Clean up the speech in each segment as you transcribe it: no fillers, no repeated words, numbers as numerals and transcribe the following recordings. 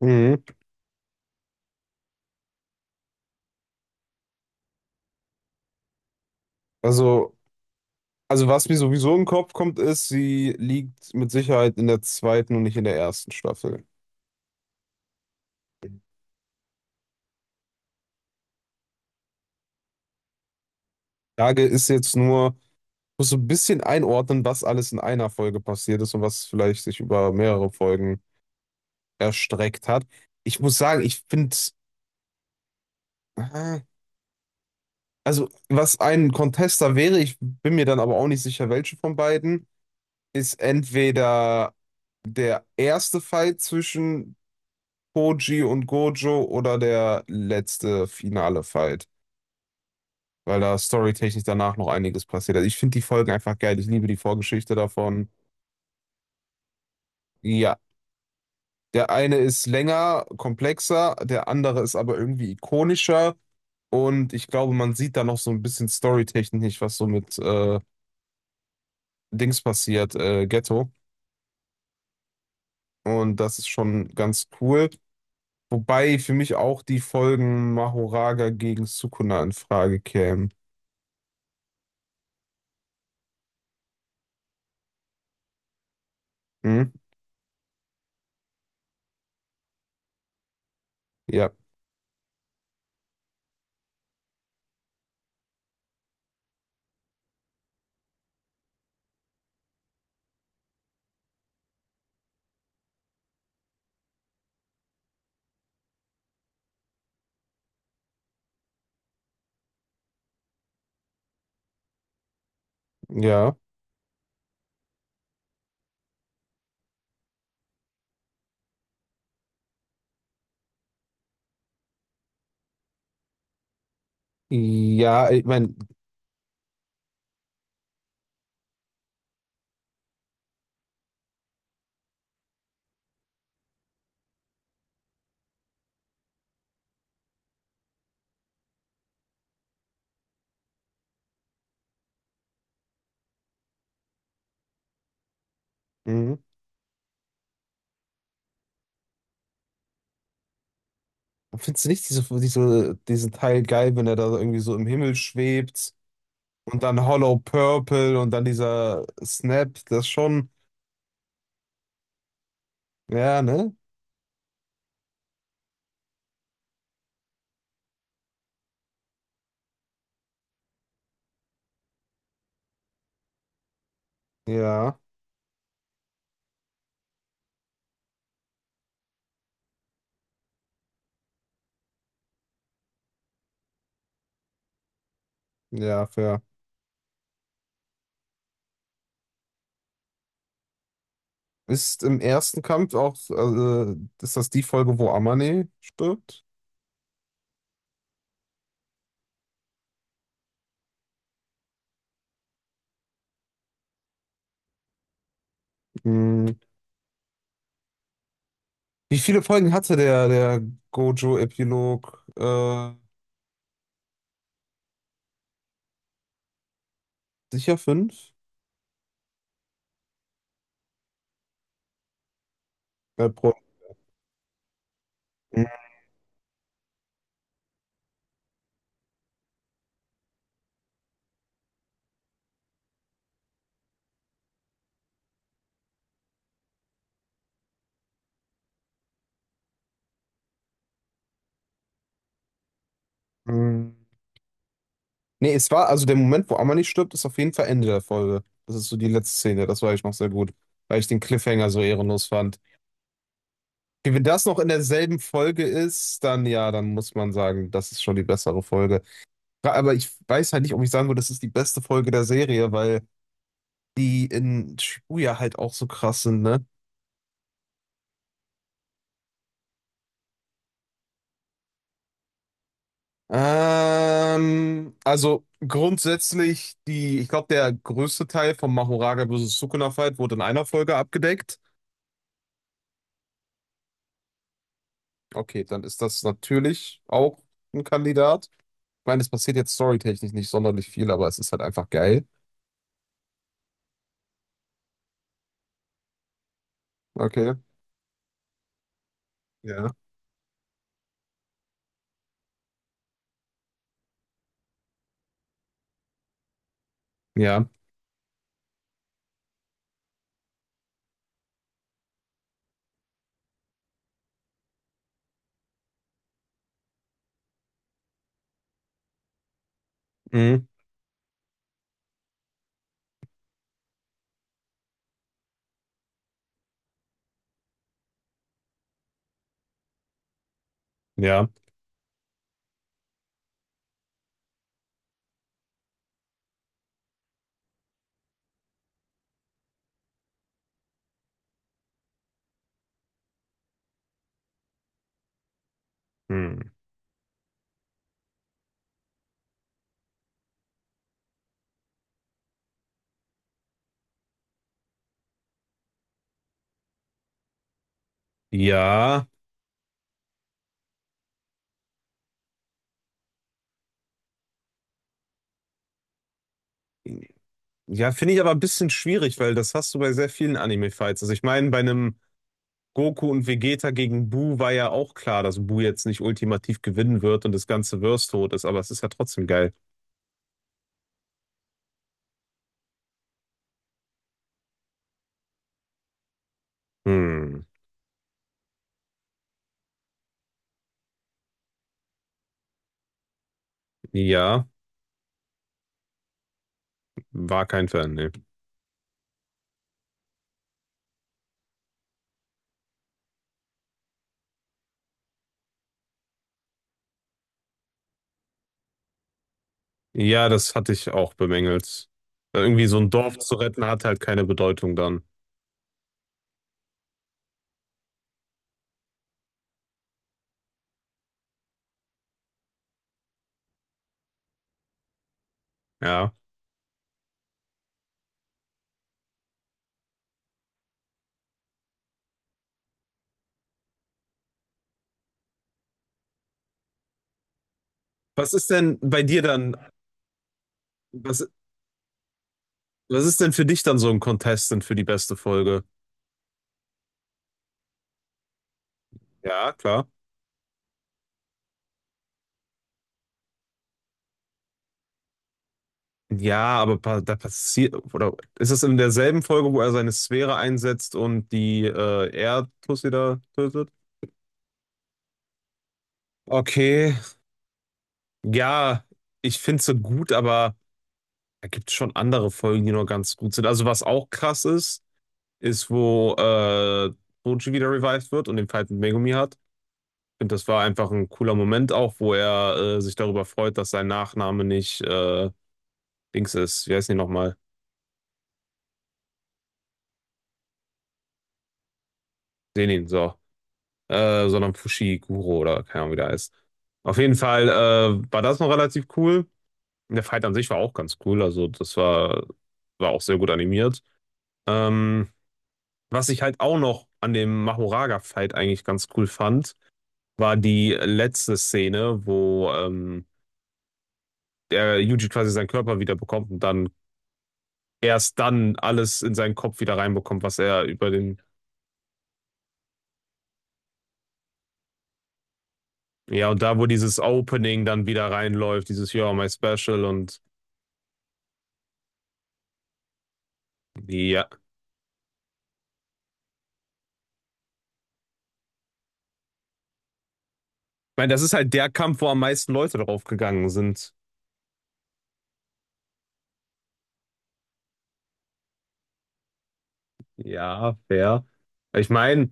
Mhm. Also, also was mir sowieso im Kopf kommt, ist, sie liegt mit Sicherheit in der zweiten und nicht in der ersten Staffel. Frage ist jetzt nur, ich muss so ein bisschen einordnen, was alles in einer Folge passiert ist und was vielleicht sich über mehrere Folgen erstreckt hat. Ich muss sagen, ich finde, also was ein Contester wäre, ich bin mir dann aber auch nicht sicher, welche von beiden, ist entweder der erste Fight zwischen Koji und Gojo oder der letzte finale Fight, weil da storytechnisch danach noch einiges passiert. Also ich finde die Folgen einfach geil. Ich liebe die Vorgeschichte davon. Ja, der eine ist länger, komplexer, der andere ist aber irgendwie ikonischer. Und ich glaube, man sieht da noch so ein bisschen storytechnisch, was so mit Dings passiert, Ghetto. Und das ist schon ganz cool. Wobei für mich auch die Folgen Mahoraga gegen Sukuna in Frage kämen. Hm? Ja, ja. Ja, ich meine, findest du nicht diesen Teil geil, wenn er da irgendwie so im Himmel schwebt und dann Hollow Purple und dann dieser Snap, das schon, ja, ne? Ja, ja, fair. Ist im ersten Kampf auch, so, also, ist das die Folge, wo Amane stirbt? Mhm. Wie viele Folgen hatte der Gojo-Epilog? Sicher fünf? Pro. Mhm. Nee, es war, also der Moment, wo Amani stirbt, ist auf jeden Fall Ende der Folge. Das ist so die letzte Szene, das war ich noch sehr gut, weil ich den Cliffhanger so ehrenlos fand. Okay, wenn das noch in derselben Folge ist, dann ja, dann muss man sagen, das ist schon die bessere Folge. Ja, aber ich weiß halt nicht, ob ich sagen würde, das ist die beste Folge der Serie, weil die in Shibuya halt auch so krass sind, ne? Also grundsätzlich die, ich glaube, der größte Teil vom Mahoraga versus Sukuna Fight wurde in einer Folge abgedeckt. Okay, dann ist das natürlich auch ein Kandidat. Ich meine, es passiert jetzt storytechnisch nicht sonderlich viel, aber es ist halt einfach geil. Okay. Ja. Ja, mm, ja, mm. Ja, ja, finde ich aber ein bisschen schwierig, weil das hast du bei sehr vielen Anime-Fights. Also ich meine, bei einem Goku und Vegeta gegen Buu war ja auch klar, dass Buu jetzt nicht ultimativ gewinnen wird und das ganze Verse tot ist, aber es ist ja trotzdem geil. Hm, ja, war kein Fan, nee. Ja, das hatte ich auch bemängelt. Irgendwie so ein Dorf zu retten hat halt keine Bedeutung dann. Ja. Was ist denn bei dir dann, was, was ist denn für dich dann so ein Contestant für die beste Folge? Ja, klar. Ja, aber da passiert, oder ist es in derselben Folge, wo er seine Sphäre einsetzt und die Erdtussi da tötet? Okay, ja, ich finde sie gut, aber da gibt es schon andere Folgen, die noch ganz gut sind. Also was auch krass ist, ist, wo Boji wieder revived wird und den Fight mit Megumi hat. Ich finde, das war einfach ein cooler Moment auch, wo er sich darüber freut, dass sein Nachname nicht Dings ist. Wie heißt die nochmal? Senin, so. Sondern Fushiguro oder keine Ahnung, wie der heißt. Auf jeden Fall war das noch relativ cool. Der Fight an sich war auch ganz cool. Also, das war, war auch sehr gut animiert. Ähm, was ich halt auch noch an dem Mahoraga-Fight eigentlich ganz cool fand, war die letzte Szene, wo der Yuji quasi seinen Körper wieder bekommt und dann erst dann alles in seinen Kopf wieder reinbekommt, was er über den, ja, und da, wo dieses Opening dann wieder reinläuft, dieses You're my special und ja. Ich meine, das ist halt der Kampf, wo am meisten Leute drauf gegangen sind. Ja, fair. Ich meine, ich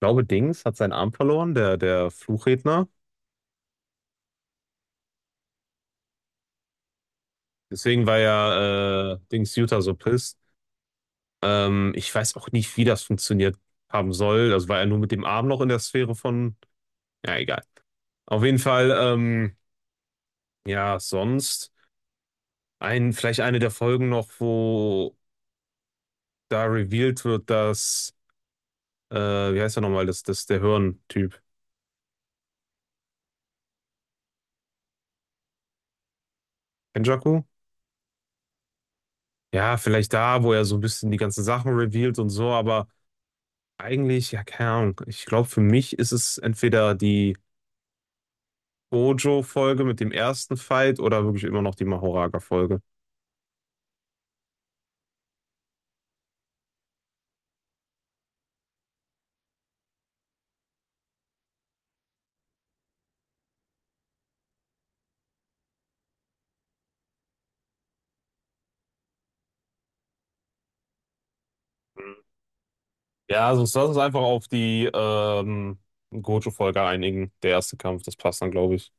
glaube, Dings hat seinen Arm verloren, der Fluchredner. Deswegen war ja Dings Jutta so pisst. Ich weiß auch nicht, wie das funktioniert haben soll. Also war er nur mit dem Arm noch in der Sphäre von ja, egal. Auf jeden Fall, ja, sonst ein, vielleicht eine der Folgen noch, wo da revealed wird, dass, wie heißt er nochmal, das ist der Hirn-Typ. Kenjaku? Ja, vielleicht da, wo er so ein bisschen die ganzen Sachen revealed und so, aber eigentlich, ja, keine Ahnung. Ich glaube, für mich ist es entweder die Gojo-Folge mit dem ersten Fight oder wirklich immer noch die Mahoraga-Folge. Ja, also sonst lass uns einfach auf die Gojo-Folge einigen. Der erste Kampf, das passt dann, glaube ich.